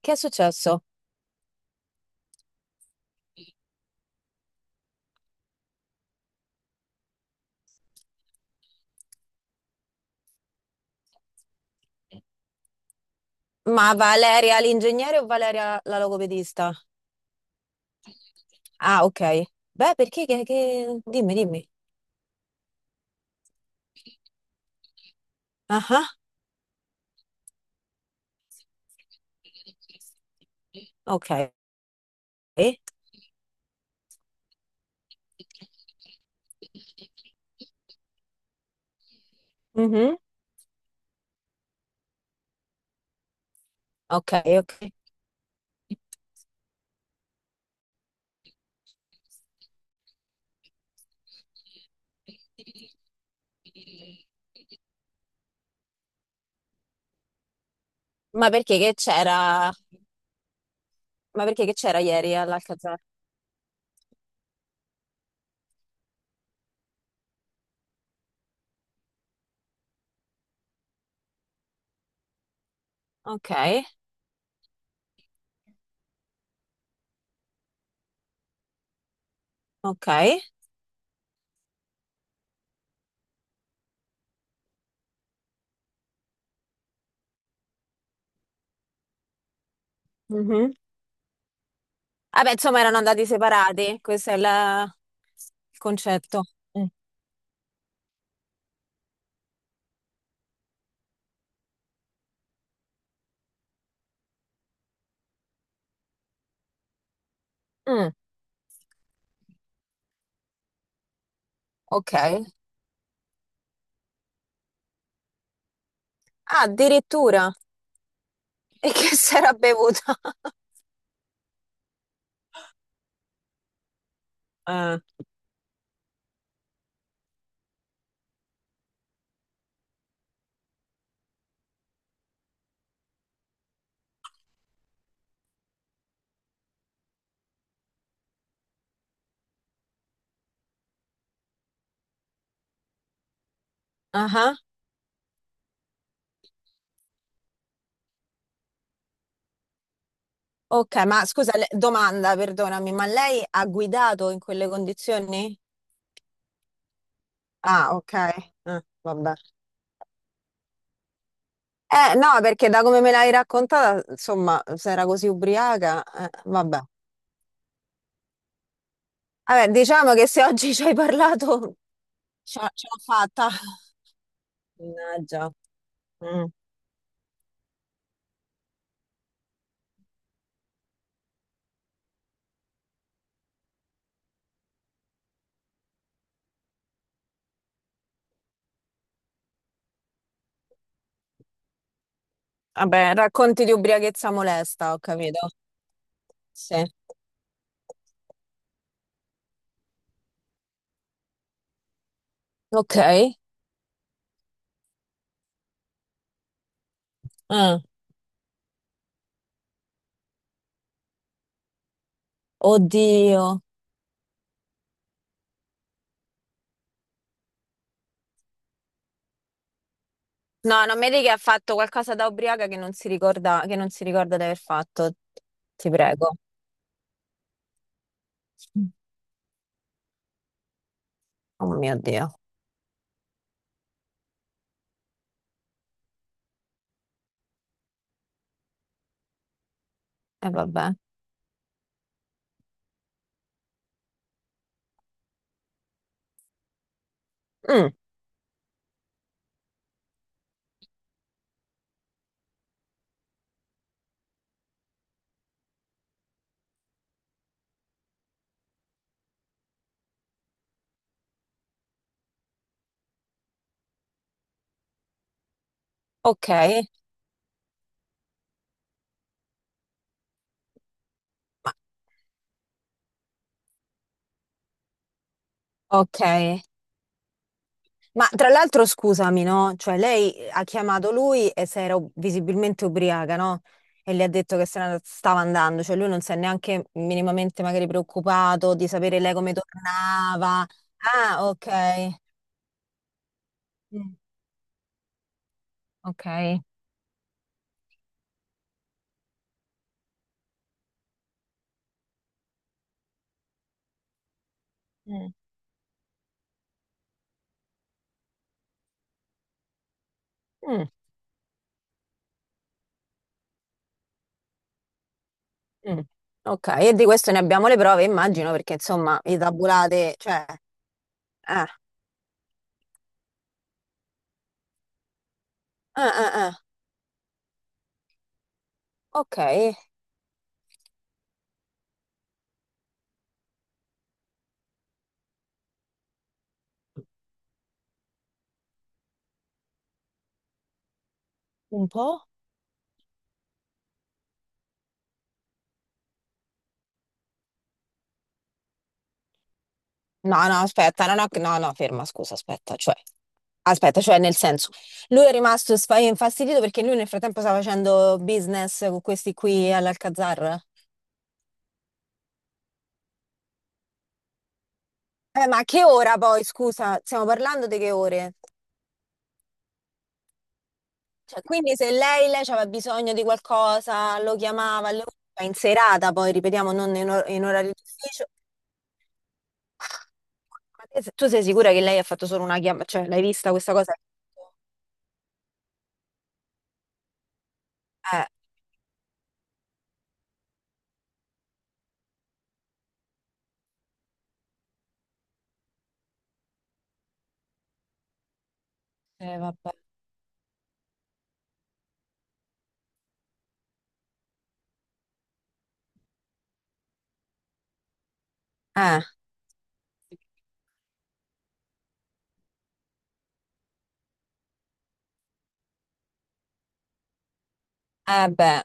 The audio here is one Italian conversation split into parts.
Che è successo? Ma Valeria l'ingegnere o Valeria la logopedista? Ah, ok. Beh, perché dimmi, dimmi. Ah, ah, ok. Mhm. Ok, ok. Ma perché che c'era? Ma perché che c'era ieri all'Alcazar? Ok, ok. Mhm. Vabbè, insomma, erano andati separati. Questo è il concetto. Mm. Mm, ok. Ah, addirittura. E che si era bevuta? Ah, ah. Ok, ma scusa, domanda, perdonami, ma lei ha guidato in quelle condizioni? Ah, ok. Vabbè. No, perché da come me l'hai raccontata, insomma, se era così ubriaca, vabbè. Vabbè, diciamo che se oggi ci hai parlato, ce l'ho fatta. Mannaggia. Mm. Vabbè, racconti di ubriachezza molesta, ho capito. Sì. Ok. Ah, oddio. No, non mi dica che ha fatto qualcosa da ubriaca che non si ricorda, che non si ricorda di aver fatto, ti prego. Oh mio Dio, e vabbè. Mm, ok, ma, ok. Ma tra l'altro scusami, no? Cioè lei ha chiamato lui e se era visibilmente ubriaca, no? E le ha detto che se ne stava andando, cioè lui non si è neanche minimamente magari preoccupato di sapere lei come tornava. Ah, ok. Mm, ok. Mm. Mm, mm. Ok, e di questo ne abbiamo le prove, immagino, perché insomma, i tabulati, cioè, eh, eh, eh, eh. Ok, un po'. No, no, aspetta, no, no, no, no, ferma, scusa, aspetta, cioè, nel senso, lui è rimasto infastidito perché lui nel frattempo sta facendo business con questi qui all'Alcazar. Ma a che ora poi, scusa, stiamo parlando di che ore? Cioè, quindi se lei aveva bisogno di qualcosa, lo chiamava, ma in serata poi, ripetiamo, non in orario d'ufficio. Ma te se- tu sei sicura che lei ha fatto solo una chiamata? Cioè, l'hai vista questa cosa? Eh, vabbè. Eh, eh beh.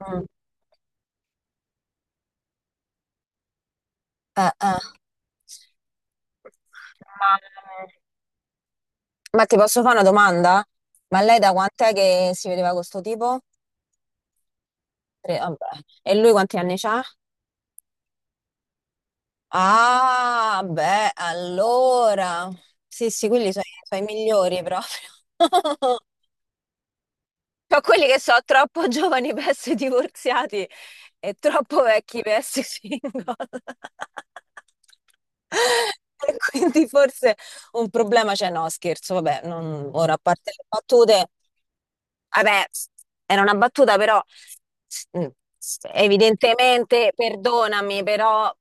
Mm. Eh. Ma Ma ti posso fare una domanda? Ma lei da quant'è che si vedeva con sto tipo? Tre, vabbè. E lui quanti anni c'ha? Ah, beh, allora. Sì, sì, quelli sono i, migliori proprio. Ho quelli che sono troppo giovani per essere divorziati e troppo vecchi per essere single. E quindi forse un problema c'è, no, scherzo, vabbè, ora a parte le battute, vabbè, era una battuta, però mm, evidentemente, perdonami, però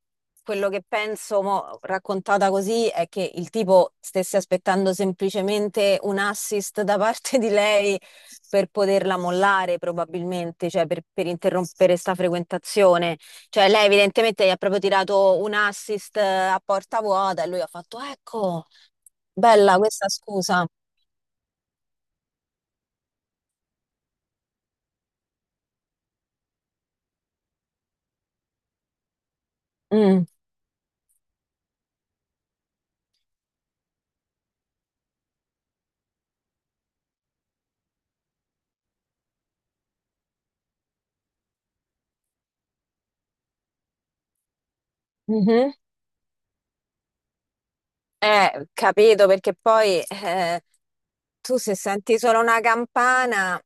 quello che penso, mo, raccontata così, è che il tipo stesse aspettando semplicemente un assist da parte di lei per poterla mollare probabilmente, cioè per interrompere sta frequentazione. Cioè lei evidentemente gli ha proprio tirato un assist a porta vuota e lui ha fatto, ecco, bella questa scusa. Mm, mhm. Capito, perché poi tu se senti solo una campana,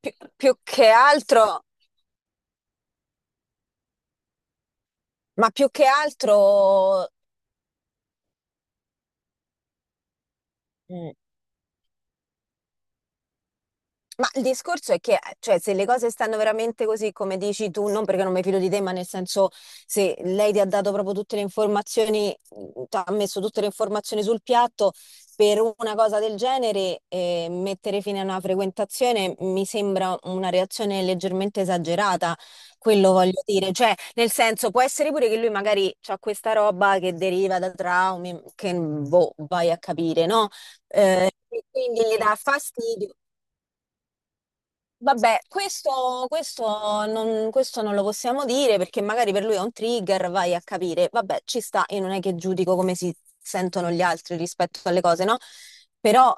più che altro, ma più che altro... mm, ma il discorso è che, cioè, se le cose stanno veramente così come dici tu, non perché non mi fido di te, ma nel senso, se lei ti ha dato proprio tutte le informazioni, ti ha messo tutte le informazioni sul piatto, per una cosa del genere, mettere fine a una frequentazione mi sembra una reazione leggermente esagerata, quello voglio dire. Cioè, nel senso, può essere pure che lui magari ha questa roba che deriva da traumi, che boh, vai a capire, no? E quindi gli dà fastidio. Vabbè, questo non lo possiamo dire perché magari per lui è un trigger, vai a capire. Vabbè, ci sta, io non è che giudico come si sentono gli altri rispetto alle cose, no? Però,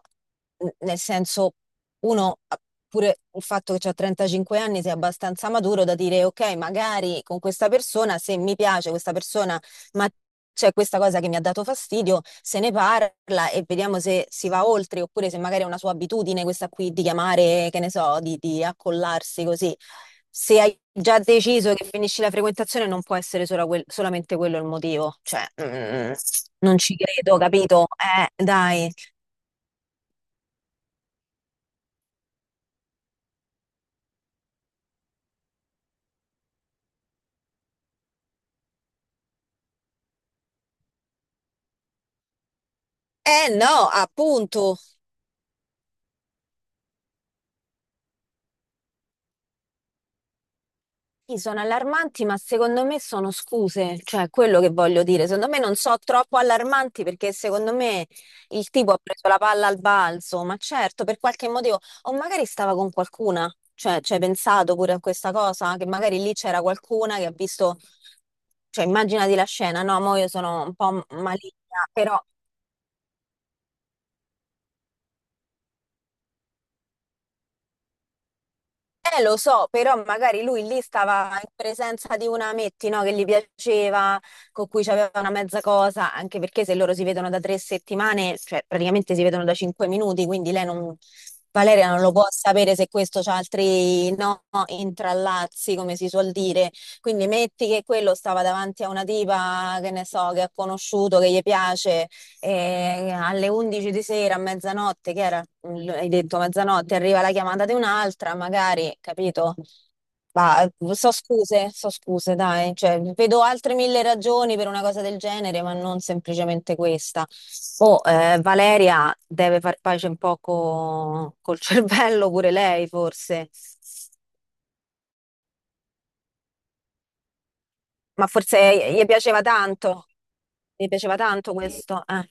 nel senso, uno, pure il fatto che ha 35 anni, sia abbastanza maturo da dire, ok, magari con questa persona, se mi piace questa persona ma c'è questa cosa che mi ha dato fastidio, se ne parla e vediamo se si va oltre oppure se magari è una sua abitudine questa qui di chiamare, che ne so, di accollarsi così. Se hai già deciso che finisci la frequentazione non può essere solo solamente quello il motivo, cioè non ci credo, capito? Dai. Eh no, appunto. Sì, sono allarmanti, ma secondo me sono scuse, cioè quello che voglio dire. Secondo me non so troppo allarmanti perché secondo me il tipo ha preso la palla al balzo, ma certo, per qualche motivo, o magari stava con qualcuna, cioè ci hai pensato pure a questa cosa, che magari lì c'era qualcuna che ha visto, cioè immaginati la scena, no, mo io sono un po' maligna, però lo so, però magari lui lì stava in presenza di una Metti, no, che gli piaceva, con cui c'aveva una mezza cosa, anche perché se loro si vedono da 3 settimane, cioè praticamente si vedono da cinque minuti, quindi lei non, Valeria non lo può sapere se questo c'ha altri, no, intrallazzi, come si suol dire. Quindi metti che quello stava davanti a una tipa, che ne so, che ha conosciuto, che gli piace, e alle 11 di sera, a mezzanotte, che era, hai detto mezzanotte, arriva la chiamata di un'altra, magari, capito? Ma so scuse, dai, cioè, vedo altre mille ragioni per una cosa del genere, ma non semplicemente questa. Oh, Valeria deve far pace un po' col cervello pure lei, forse. Ma forse gli piaceva tanto questo, eh.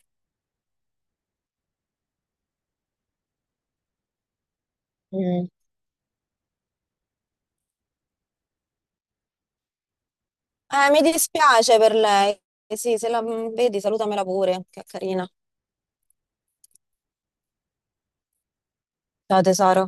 Mm. Mi dispiace per lei. Eh sì, se la vedi, salutamela pure, che è carina. Ciao tesoro.